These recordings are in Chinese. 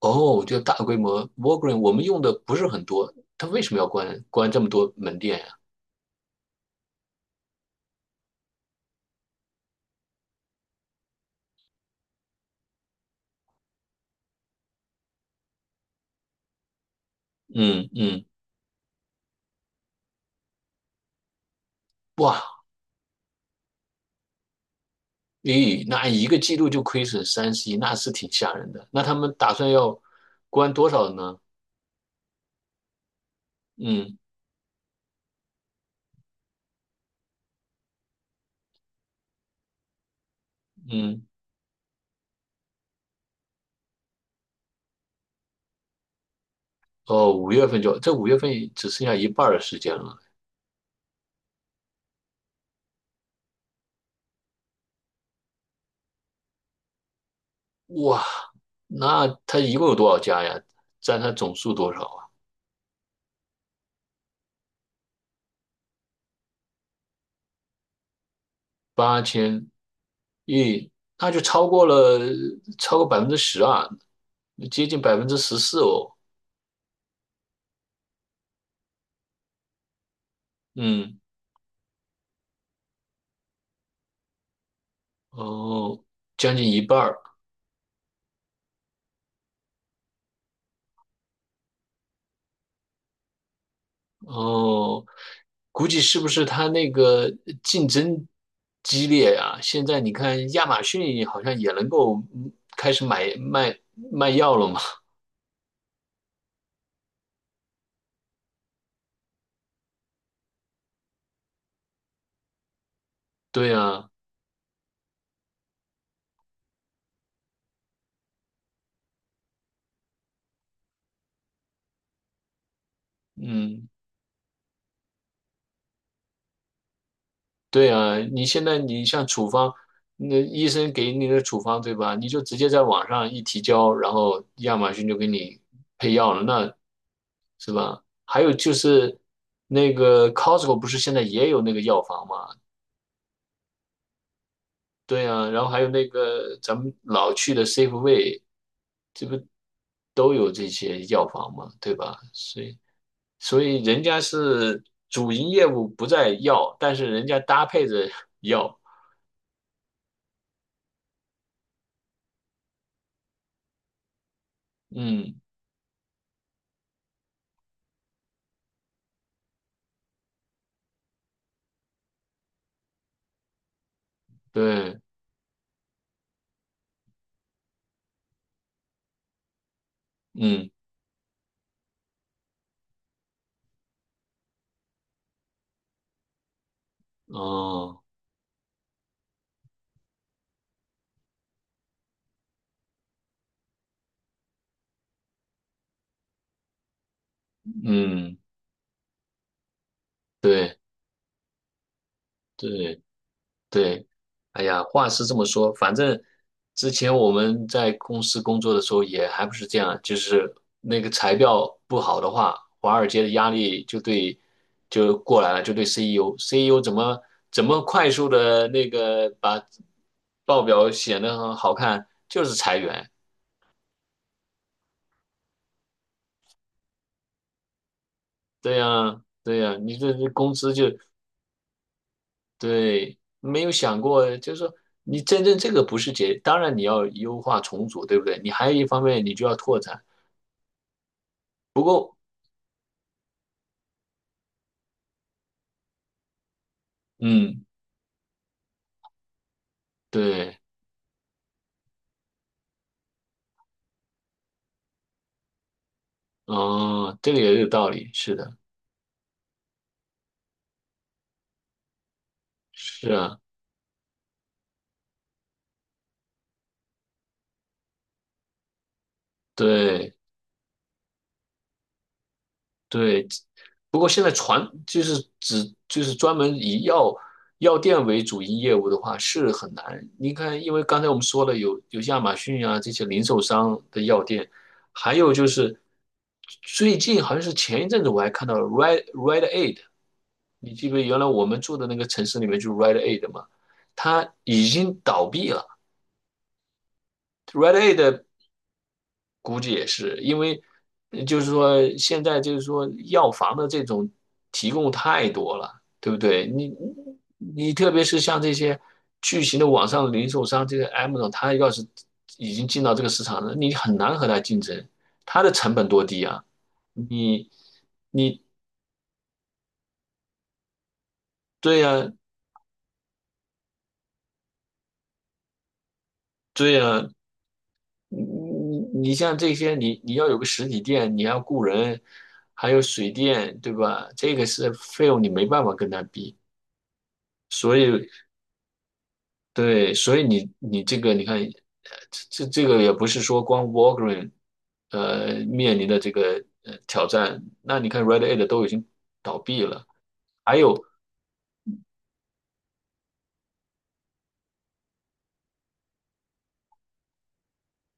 哦，就大规模 w a l g r e e n 我们用的不是很多，它为什么要关这么多门店呀？嗯嗯。哇。咦，那一个季度就亏损30亿，那是挺吓人的。那他们打算要关多少呢？嗯嗯。哦，五月份就这五月份只剩下一半儿的时间了。哇，那他一共有多少家呀？占他总数多少啊？8000亿，那就超过百分之十啊，接近14%哦。嗯。哦，将近一半儿。哦，估计是不是它那个竞争激烈呀？现在你看亚马逊好像也能够开始卖药了嘛？对呀。嗯。对呀，你现在你像处方，那医生给你的处方对吧？你就直接在网上一提交，然后亚马逊就给你配药了，那是吧？还有就是那个 Costco 不是现在也有那个药房吗？对啊，然后还有那个咱们老去的 Safeway 都有这些药房嘛，对吧？所以人家是主营业务不在药，但是人家搭配着 药。嗯。对。嗯。哦。嗯。对对。对。哎呀，话是这么说。反正之前我们在公司工作的时候也还不是这样，就是那个财报不好的话，华尔街的压力就过来了，就对 CEO 怎么快速的那个把报表显得很好看，就是裁员。对呀，对呀，你这工资就对，没有想过。就是说你真正这个不是解，当然你要优化重组，对不对？你还有一方面你就要拓展。不过。嗯。对。哦，这个也有道理，是的。是啊。对对。不过现在传就是只就是专门以药店为主营业务的话是很难。你看，因为刚才我们说了有亚马逊啊这些零售商的药店。还有就是最近好像是前一阵子我还看到了 r e d Aid，你记不记得原来我们住的那个城市里面就是 r e d Aid 嘛，它已经倒闭了。Red A 的估计也是，因为就是说现在就是说药房的这种提供太多了，对不对？你特别是像这些巨型的网上零售商，这个 m a z 它要是已经进到这个市场了，你很难和它竞争。它的成本多低啊！你你对呀，对呀，你你你像这些，你要有个实体店，你要雇人，还有水电，对吧？这个是费用，你没办法跟他比。所以，对，所以你这个，你看，这个也不是说光 Walgreen，面临的这个挑战。那你看 Red Aid 都已经倒闭了，还有。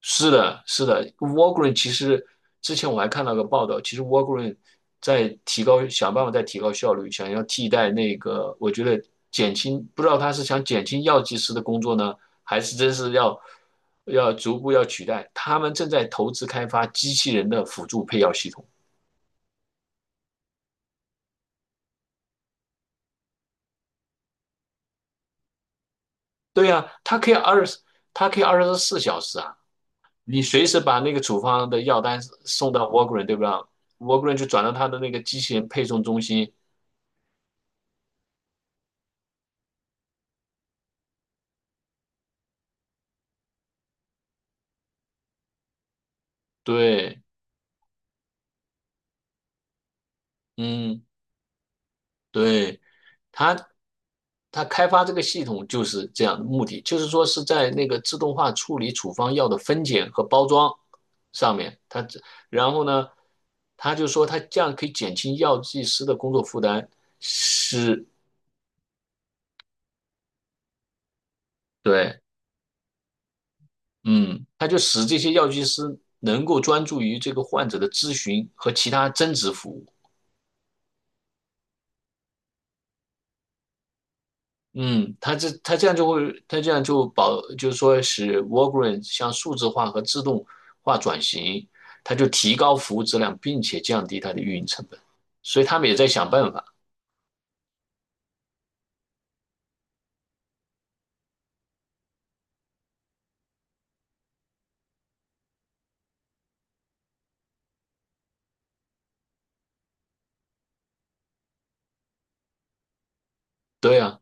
是的，是的。Walgreen 其实之前我还看到个报道，其实 Walgreen 在提高，想办法在提高效率，想要替代那个，我觉得减轻，不知道他是想减轻药剂师的工作呢，还是真是要逐步要取代。他们正在投资开发机器人的辅助配药系统。对呀，它可以24小时啊，你随时把那个处方的药单送到 Walgreen，对不对？Walgreen 就转到他的那个机器人配送中心。对。嗯。对，他他开发这个系统就是这样的目的，就是说是在那个自动化处理处方药的分拣和包装上面，然后呢，他就说他这样可以减轻药剂师的工作负担，使对。嗯。他就使这些药剂师能够专注于这个患者的咨询和其他增值服务。嗯。它这它这样就会，它这样就保，就是说使 Walgreens 向数字化和自动化转型，它就提高服务质量，并且降低它的运营成本。所以他们也在想办法。对啊。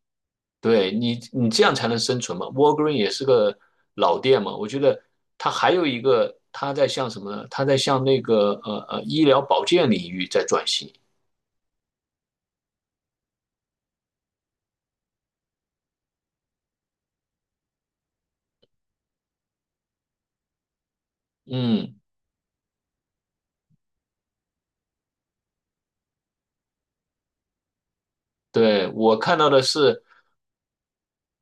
对，你这样才能生存嘛。Walgreens 也是个老店嘛。我觉得它还有一个，它在向什么呢？它在向那个医疗保健领域在转型。嗯。对，我看到的是，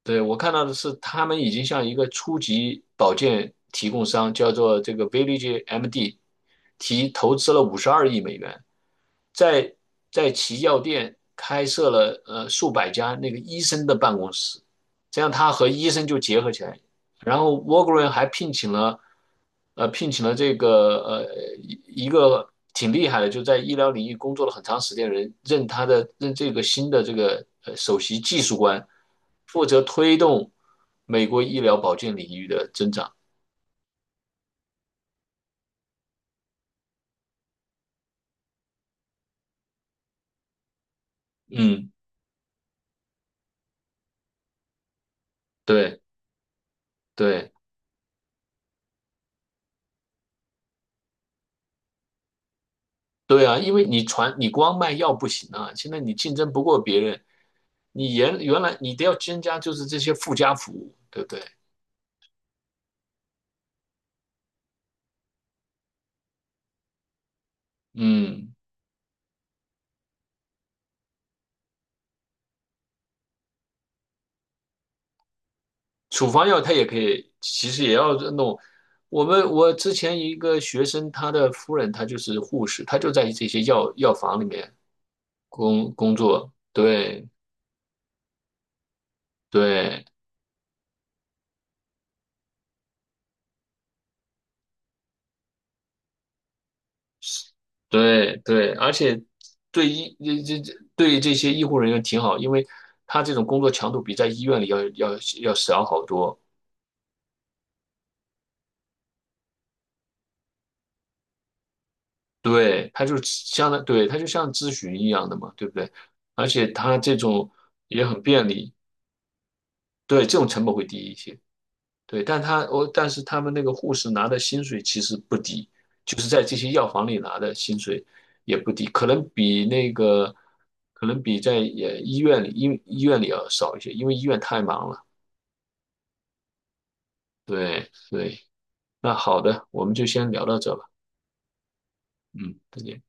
对，我看到的是，他们已经向一个初级保健提供商，叫做这个 Village MD，投资了52亿美元，在在其药店开设了数百家那个医生的办公室。这样他和医生就结合起来，然后 Walgreen 还聘请了这个一个挺厉害的，就在医疗领域工作了很长时间的人，任这个新的首席技术官，负责推动美国医疗保健领域的增长。嗯。对对对啊，因为你光卖药不行啊，现在你竞争不过别人，你原来你得要增加就是这些附加服务，对不对？嗯。处方药它也可以，其实也要弄。我之前一个学生，他的夫人她就是护士，她就在这些药房里面工作。对对对对。而且对医这这对这些医护人员挺好，因为他这种工作强度比在医院里要少好多。对，他就相当，对，他就像咨询一样的嘛，对不对？而且他这种也很便利。对，这种成本会低一些。对，但是他们那个护士拿的薪水其实不低，就是在这些药房里拿的薪水也不低，可能比在医院里要少一些，因为医院太忙了。对对。那好的，我们就先聊到这吧。嗯，再见。